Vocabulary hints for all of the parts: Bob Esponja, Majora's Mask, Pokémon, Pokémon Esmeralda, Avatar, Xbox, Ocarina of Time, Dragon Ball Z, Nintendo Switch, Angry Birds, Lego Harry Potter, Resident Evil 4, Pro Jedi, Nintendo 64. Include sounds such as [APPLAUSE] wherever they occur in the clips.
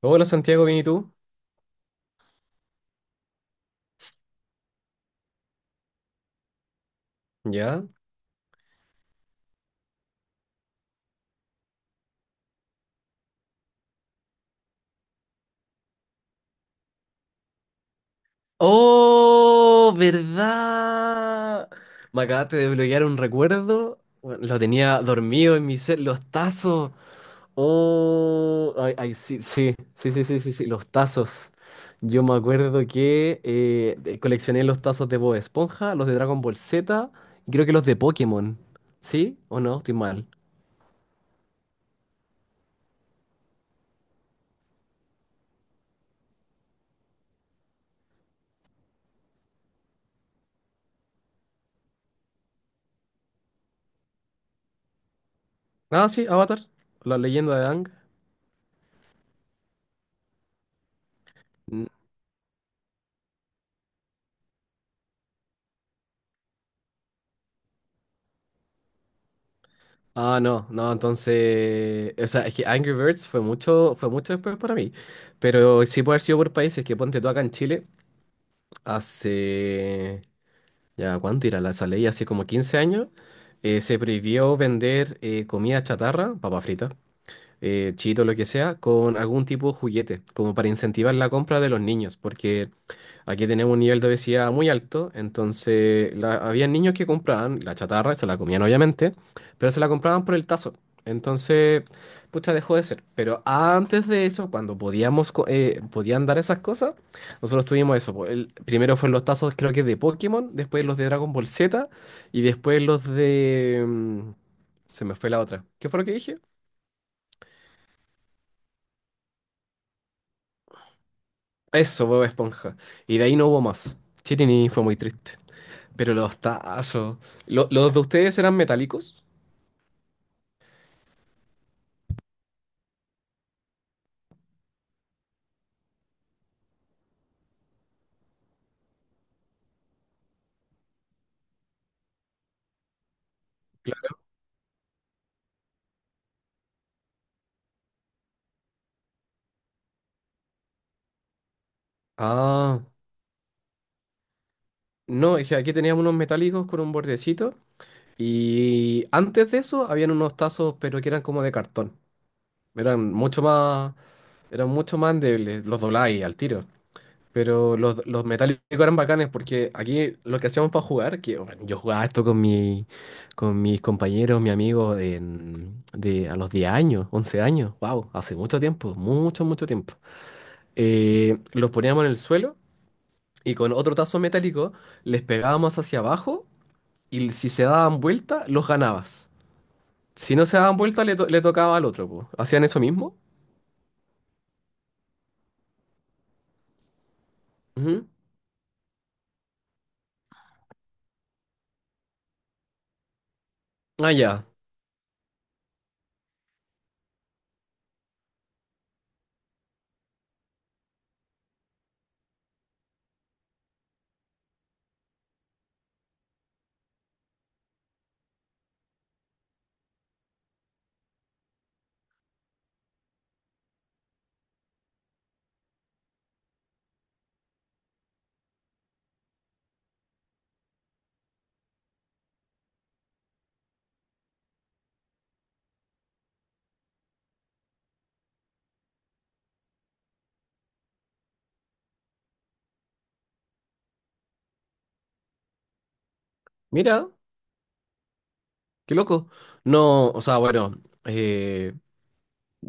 Hola Santiago, ¿bien y tú? ¿Ya? ¡Oh! ¿Verdad? Me acabaste de bloquear un recuerdo. Bueno, lo tenía dormido en mi ser. Los tazos. ¡Oh! Ay, ay, sí, sí, sí, sí, sí, sí, sí, los tazos. Yo me acuerdo que coleccioné los tazos de Bob Esponja, los de Dragon Ball Z y creo que los de Pokémon. ¿Sí o no? Estoy mal. Ah, sí, Avatar, la leyenda de Aang. Ah, no, no, entonces, o sea, es que Angry Birds fue mucho después para mí, pero sí puede haber sido por países. Que ponte tú acá en Chile, hace, ya, ¿cuánto era la esa ley? Hace como 15 años, se prohibió vender comida chatarra, papa frita, chito, lo que sea, con algún tipo de juguete, como para incentivar la compra de los niños, porque aquí tenemos un nivel de obesidad muy alto. Entonces había niños que compraban la chatarra, se la comían obviamente, pero se la compraban por el tazo. Entonces, pucha, dejó de ser. Pero antes de eso, cuando podíamos, podían dar esas cosas, nosotros tuvimos eso, po. El, primero fueron los tazos, creo que de Pokémon, después los de Dragon Ball Z y después los de... se me fue la otra. ¿Qué fue lo que dije? Eso, Bob Esponja. Y de ahí no hubo más. Chirini, fue muy triste. Pero los tazos. ¿Los de ustedes eran metálicos? Claro. Ah, no, es que aquí teníamos unos metálicos con un bordecito. Y antes de eso habían unos tazos, pero que eran como de cartón. Eran mucho más, Eran mucho más endebles, los dobláis al tiro. Pero los metálicos eran bacanes, porque aquí lo que hacíamos para jugar, que bueno, yo jugaba esto con mis compañeros, mi amigo, a los 10 años, 11 años. Wow, hace mucho tiempo, mucho, mucho tiempo. Los poníamos en el suelo y con otro tazo metálico les pegábamos hacia abajo, y si se daban vuelta, los ganabas. Si no se daban vuelta, le tocaba al otro, po. ¿Hacían eso mismo? Ujú. Ah, ya. Mira, qué loco. No, o sea, bueno, eh,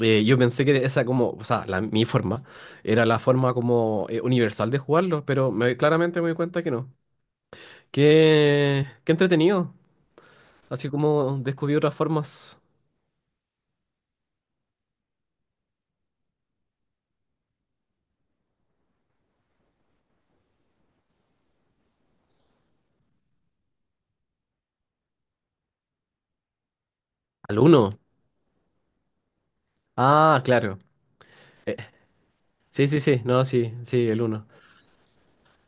eh, yo pensé que esa como, o sea, la- mi forma era la forma como universal de jugarlo, pero claramente me di cuenta que no. Qué, qué entretenido. Así como descubrí otras formas. Al uno. Ah, claro. Eh, sí, sí, sí, no, sí, sí, el uno.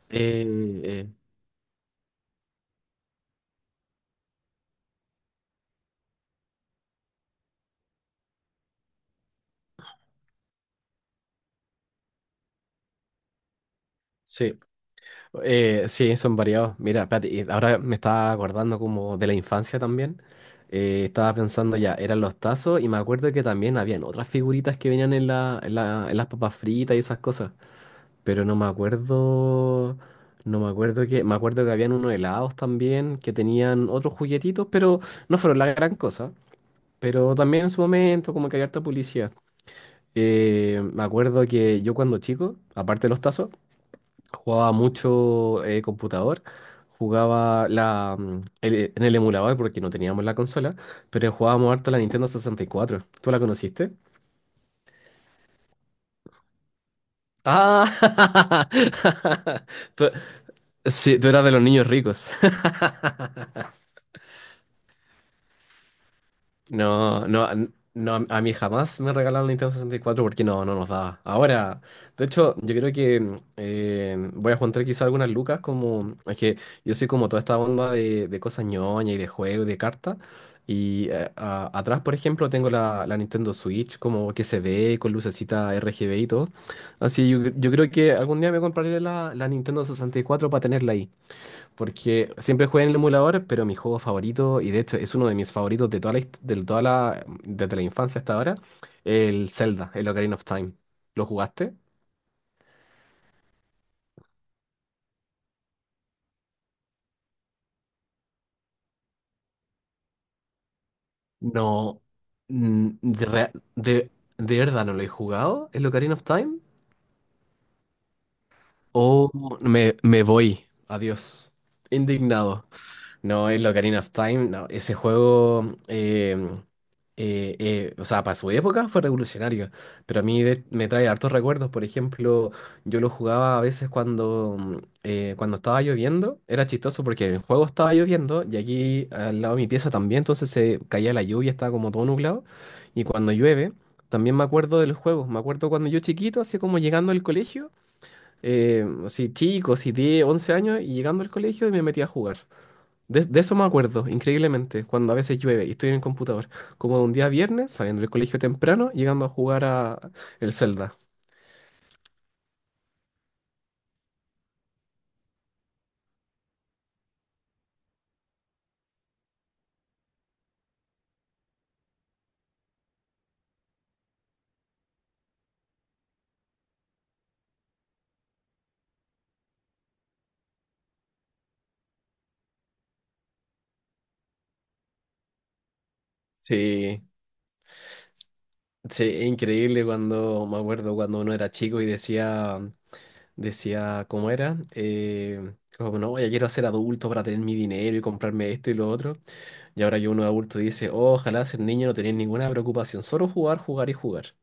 Eh, eh, sí, sí, son variados. Mira, espérate, y ahora me estaba acordando como de la infancia también. Estaba pensando, ya, eran los tazos y me acuerdo que también habían otras figuritas que venían en en las papas fritas y esas cosas. Pero no me acuerdo, no me acuerdo me acuerdo que habían unos helados también que tenían otros juguetitos, pero no fueron la gran cosa. Pero también en su momento como que había harta publicidad. Me acuerdo que yo cuando chico, aparte de los tazos, jugaba mucho computador, jugaba en el emulador porque no teníamos la consola, pero jugábamos harto la Nintendo 64. ¿Tú la conociste? Ah, [LAUGHS] tú, sí, tú eras de los niños ricos. No, no, no, a mí jamás me regalaron Nintendo 64 porque no, no nos daba. Ahora, de hecho, yo creo que voy a juntar quizá algunas lucas, como es que yo soy como toda esta onda de cosas ñoña y de juego y de cartas. Y atrás, por ejemplo, tengo la Nintendo Switch, como que se ve con lucecita RGB y todo. Así yo creo que algún día me compraré la Nintendo 64 para tenerla ahí. Porque siempre jugué en el emulador, pero mi juego favorito, y de hecho es uno de mis favoritos de toda de toda la, desde la infancia hasta ahora, el Zelda, el Ocarina of Time. ¿Lo jugaste? No, mm, de, rea- de, de verdad no lo he jugado, el Ocarina of Time. O me voy, adiós. Indignado. No, es lo Ocarina of Time. No, ese juego, o sea, para su época fue revolucionario, pero a mí me trae hartos recuerdos. Por ejemplo, yo lo jugaba a veces cuando estaba lloviendo. Era chistoso porque en el juego estaba lloviendo y aquí al lado de mi pieza también, entonces se caía la lluvia, estaba como todo nublado. Y cuando llueve, también me acuerdo de los juegos. Me acuerdo cuando yo chiquito, así como llegando al colegio, así chico, así 10, 11 años, y llegando al colegio y me metía a jugar. De eso me acuerdo, increíblemente, cuando a veces llueve y estoy en el computador. Como de un día viernes, saliendo del colegio temprano, llegando a jugar a el Zelda. Sí, sí, es increíble cuando, me acuerdo cuando uno era chico y decía, decía, ¿cómo era? No, ya quiero ser adulto para tener mi dinero y comprarme esto y lo otro. Y ahora que uno es adulto dice, "Oh, ojalá ser niño, no tener ninguna preocupación, solo jugar, jugar y jugar".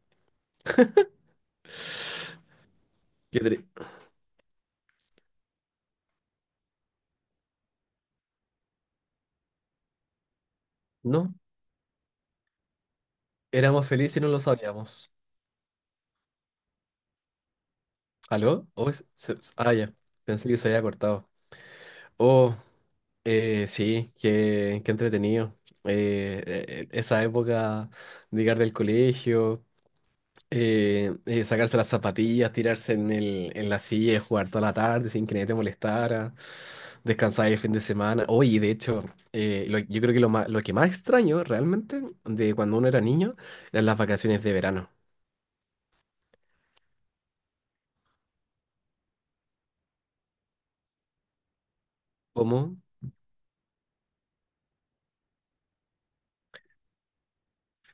Qué tri- No, éramos felices y no lo sabíamos. ¿Aló? Oh, ya. Pensé que se había cortado. Oh, sí, qué, qué entretenido. Esa época de llegar del colegio, sacarse las zapatillas, tirarse en en la silla, y jugar toda la tarde sin que nadie te molestara, descansar el fin de semana. Oye, de hecho, yo creo que lo que más extraño realmente de cuando uno era niño eran las vacaciones de verano. ¿Cómo?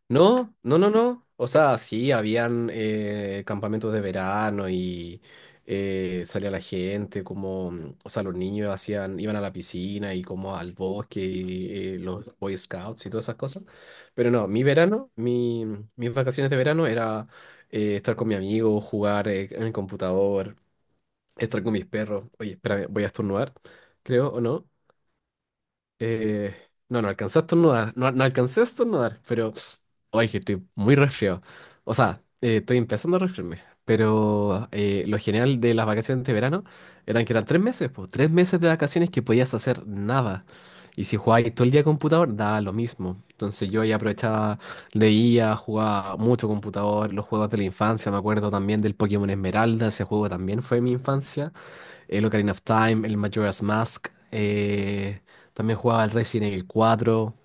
No, no, no, no. O sea, sí, habían campamentos de verano y salía la gente, o sea, los niños hacían, iban a la piscina y como al bosque, y, los Boy Scouts y todas esas cosas. Pero no, mi verano, mi, mm, mis vacaciones de verano era estar con mi amigo, jugar en el computador, estar con mis perros. Oye, espérame, voy a estornudar, creo, ¿o no? Eh, no, no alcancé a estornudar. No, no alcancé a estornudar, pero. Oye, que estoy muy resfriado. O sea, estoy empezando a resfriarme. Pero lo genial de las vacaciones de verano eran que eran 3 meses, pues. 3 meses de vacaciones que podías hacer nada. Y si jugabas todo el día computador, daba lo mismo. Entonces yo ahí aprovechaba, leía, jugaba mucho computador, los juegos de la infancia. Me acuerdo también del Pokémon Esmeralda, ese juego también fue mi infancia, el Ocarina of Time, el Majora's Mask. También jugaba el Resident Evil 4.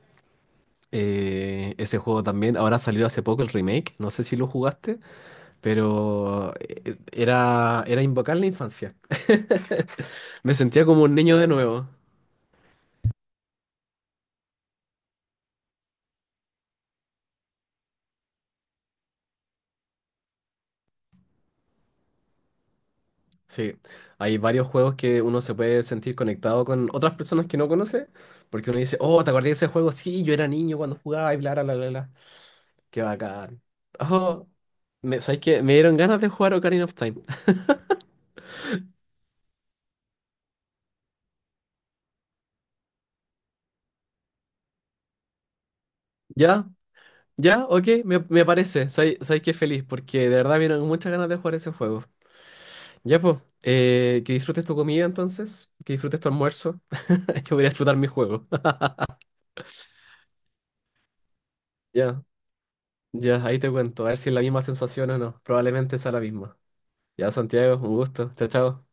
Ese juego también. Ahora salió hace poco el remake. No sé si lo jugaste, pero era invocar la infancia. [LAUGHS] Me sentía como un niño de nuevo. Sí, hay varios juegos que uno se puede sentir conectado con otras personas que no conoce, porque uno dice, oh, ¿te acordás de ese juego? Sí, yo era niño cuando jugaba y bla, bla, bla, bla, bla. Qué bacán. Oh, ¿sabes qué? Me dieron ganas de jugar Ocarina of Time. Ya, ya, ok, me parece. Sabes que feliz, porque de verdad vienen muchas ganas de jugar ese juego. Ya, pues, que disfrutes tu comida entonces, que disfrutes tu almuerzo. [LAUGHS] Yo voy a disfrutar mi juego. [LAUGHS] Ya, ya, ahí te cuento, a ver si es la misma sensación o no. Probablemente sea la misma. Ya, Santiago, un gusto. Chao, chao.